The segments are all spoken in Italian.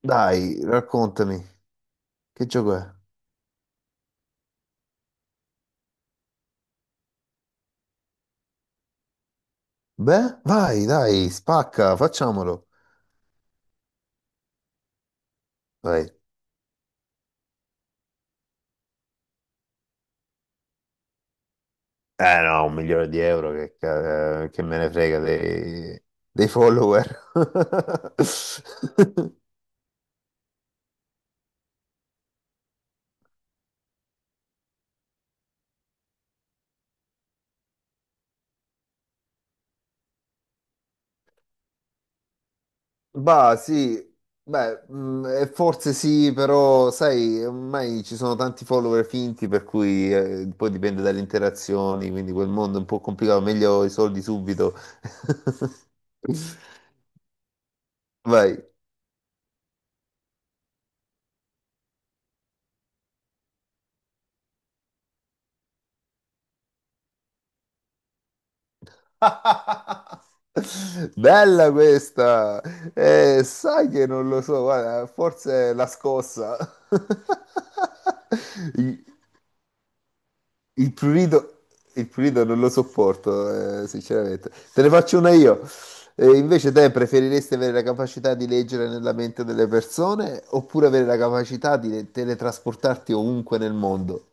Dai, raccontami, che gioco è? Beh, vai, dai, spacca, facciamolo. Vai. Eh no, un milione di euro che, che me ne frega dei follower. Bah, sì, beh, forse sì, però sai, ormai ci sono tanti follower finti, per cui poi dipende dalle interazioni, quindi quel mondo è un po' complicato, meglio i soldi subito. Vai. Bella questa! Sai che non lo so, guarda, forse è la scossa. Il, il prurito, il prurito non lo sopporto, sinceramente. Te ne faccio una io. Invece te preferiresti avere la capacità di leggere nella mente delle persone oppure avere la capacità di teletrasportarti ovunque nel mondo?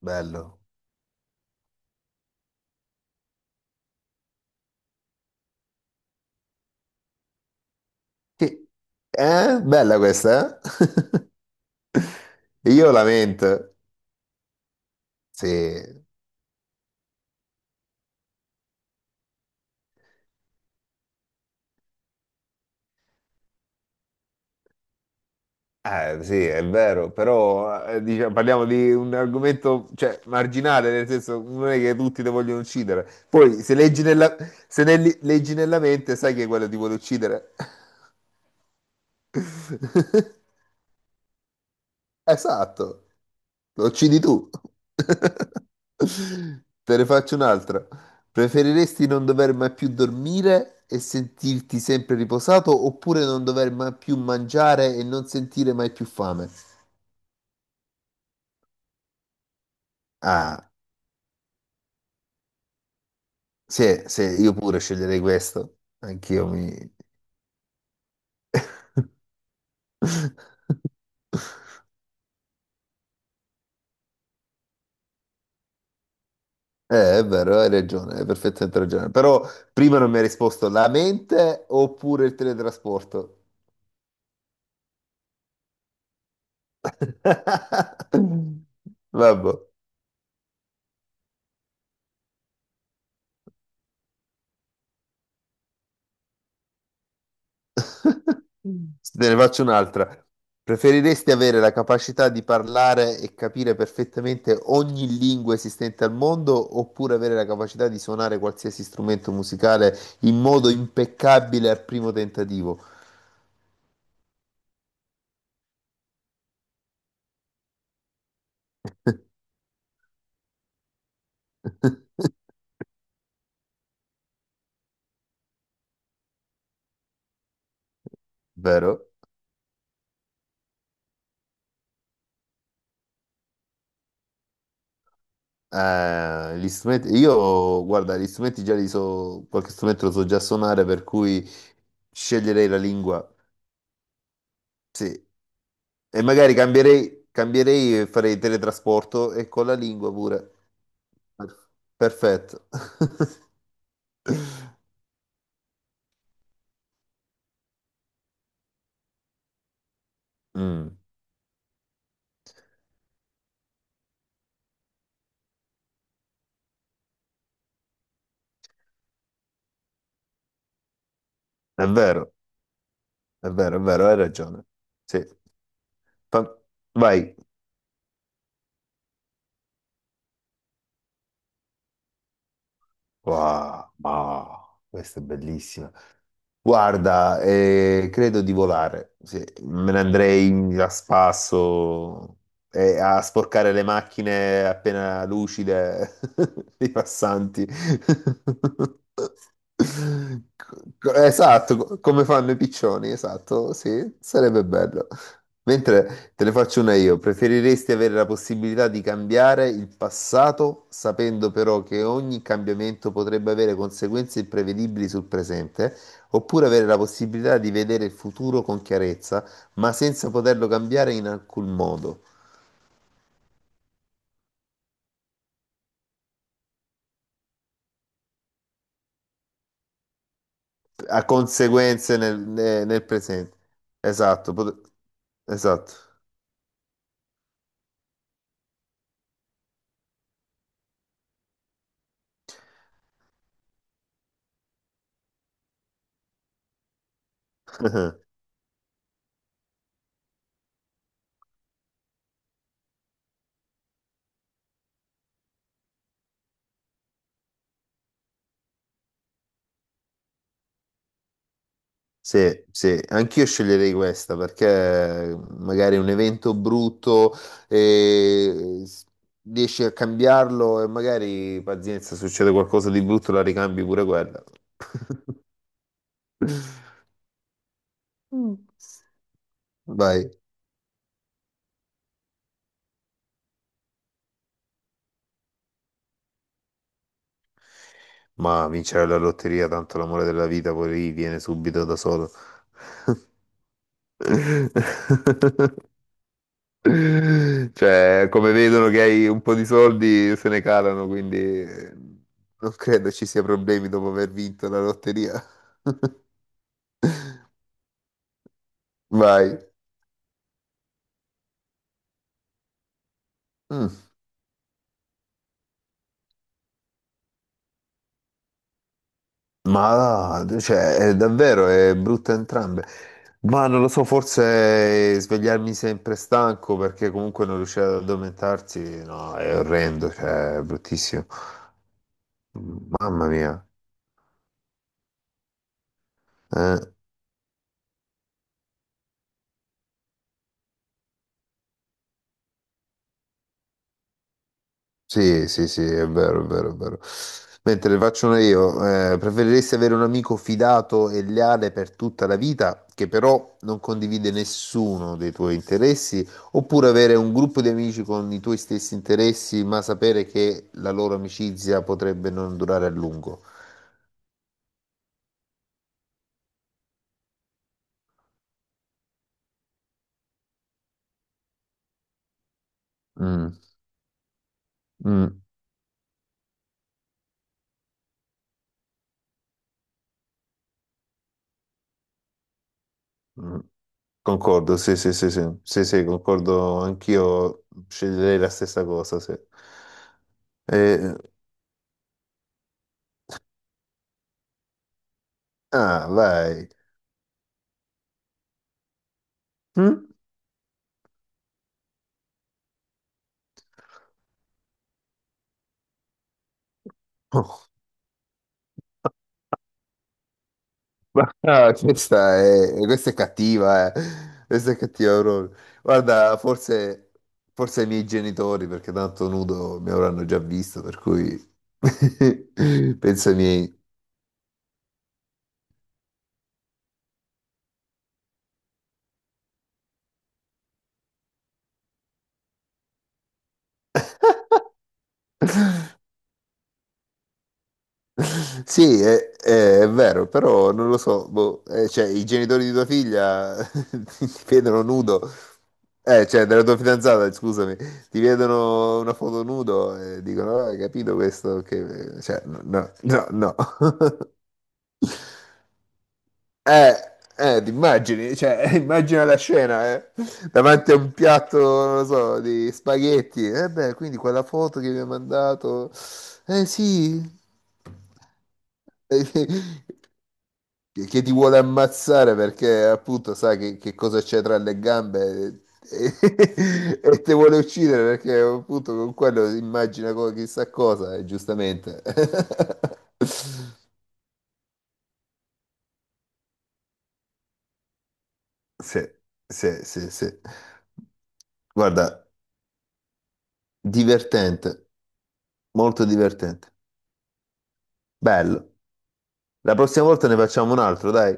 Bello. Che- eh? Bella questa, eh? Io la mente. Sì. Sì, è vero, però diciamo, parliamo di un argomento, cioè, marginale, nel senso non è che tutti te vogliono uccidere. Poi se leggi nella, se ne li- leggi nella mente sai che quello ti vuole uccidere. Esatto, lo uccidi tu. Te ne faccio un'altra. Preferiresti non dover mai più dormire e sentirti sempre riposato oppure non dover mai più mangiare e non sentire mai più fame? Ah. Sì, sì, io pure sceglierei questo. Anch'io mi... è vero, hai ragione, hai perfettamente ragione. Però prima non mi hai risposto la mente oppure il teletrasporto. Vabbè. Te ne faccio un'altra. Preferiresti avere la capacità di parlare e capire perfettamente ogni lingua esistente al mondo oppure avere la capacità di suonare qualsiasi strumento musicale in modo impeccabile al primo tentativo? Vero? Gli strumenti, io guarda, gli strumenti già li so, qualche strumento lo so già suonare, per cui sceglierei la lingua, sì, e magari cambierei, cambierei e farei teletrasporto e con la lingua pure. Per- Perfetto. Mm, è vero, è vero, è vero, hai ragione. Sì. Fa- Vai. Wow, wow, questa è bellissima. Guarda, credo di volare. Sì, me ne andrei a spasso e a sporcare le macchine appena lucide dei passanti. Co- Esatto, come fanno i piccioni, esatto, sì, sarebbe bello. Mentre te ne faccio una io, preferiresti avere la possibilità di cambiare il passato, sapendo però che ogni cambiamento potrebbe avere conseguenze imprevedibili sul presente? Oppure avere la possibilità di vedere il futuro con chiarezza, ma senza poterlo cambiare in alcun modo, a conseguenze nel, nel presente. Esatto, esatto. Sì, sì, anch'io sceglierei questa perché magari un evento brutto e riesci a cambiarlo e magari, pazienza, succede qualcosa di brutto, la ricambi pure quella. Mm. Vai. Ma vincere la lotteria, tanto l'amore della vita poi lì viene subito da solo. Cioè, come vedono che hai un po' di soldi, se ne calano, quindi eh, non credo ci sia problemi dopo aver vinto la lotteria. Vai. Mm. Ma cioè, è davvero è brutta entrambe. Ma non lo so, forse svegliarmi sempre stanco perché comunque non riuscire ad addormentarsi, no, è orrendo, cioè, è bruttissimo. Mamma mia, eh? Sì, sì, sì, è vero, è vero, è vero. Mentre le faccio una io, preferiresti avere un amico fidato e leale per tutta la vita, che però non condivide nessuno dei tuoi interessi, oppure avere un gruppo di amici con i tuoi stessi interessi, ma sapere che la loro amicizia potrebbe non durare a lungo? Mm, mm. Mm. Concordo, sì, sì, sì, sì, sì, sì, concordo, anch'io sceglierei la stessa cosa, sì. Eh, ah, vai. Mm? Oh, questa è cattiva, eh. Questa è cattiva proprio. Guarda, forse i miei genitori, perché tanto nudo mi avranno già visto, per cui penso ai miei. Sì, è, è vero, però non lo so, boh, cioè, i genitori di tua figlia ti vedono nudo, cioè della tua fidanzata, scusami, ti vedono una foto nudo e dicono, "Ah, hai capito questo? Che... Cioè, no, no, No." Eh, ti immagini, cioè, immagina la scena, davanti a un piatto, non lo so, di spaghetti, eh beh, quindi quella foto che mi ha mandato, eh sì. che, ti vuole ammazzare perché appunto sa che, cosa c'è tra le gambe e, e te vuole uccidere perché appunto con quello si immagina chissà cosa, e giustamente. Sì, sì, sì, sì. Guarda, divertente, molto divertente. Bello. La prossima volta ne facciamo un altro, dai.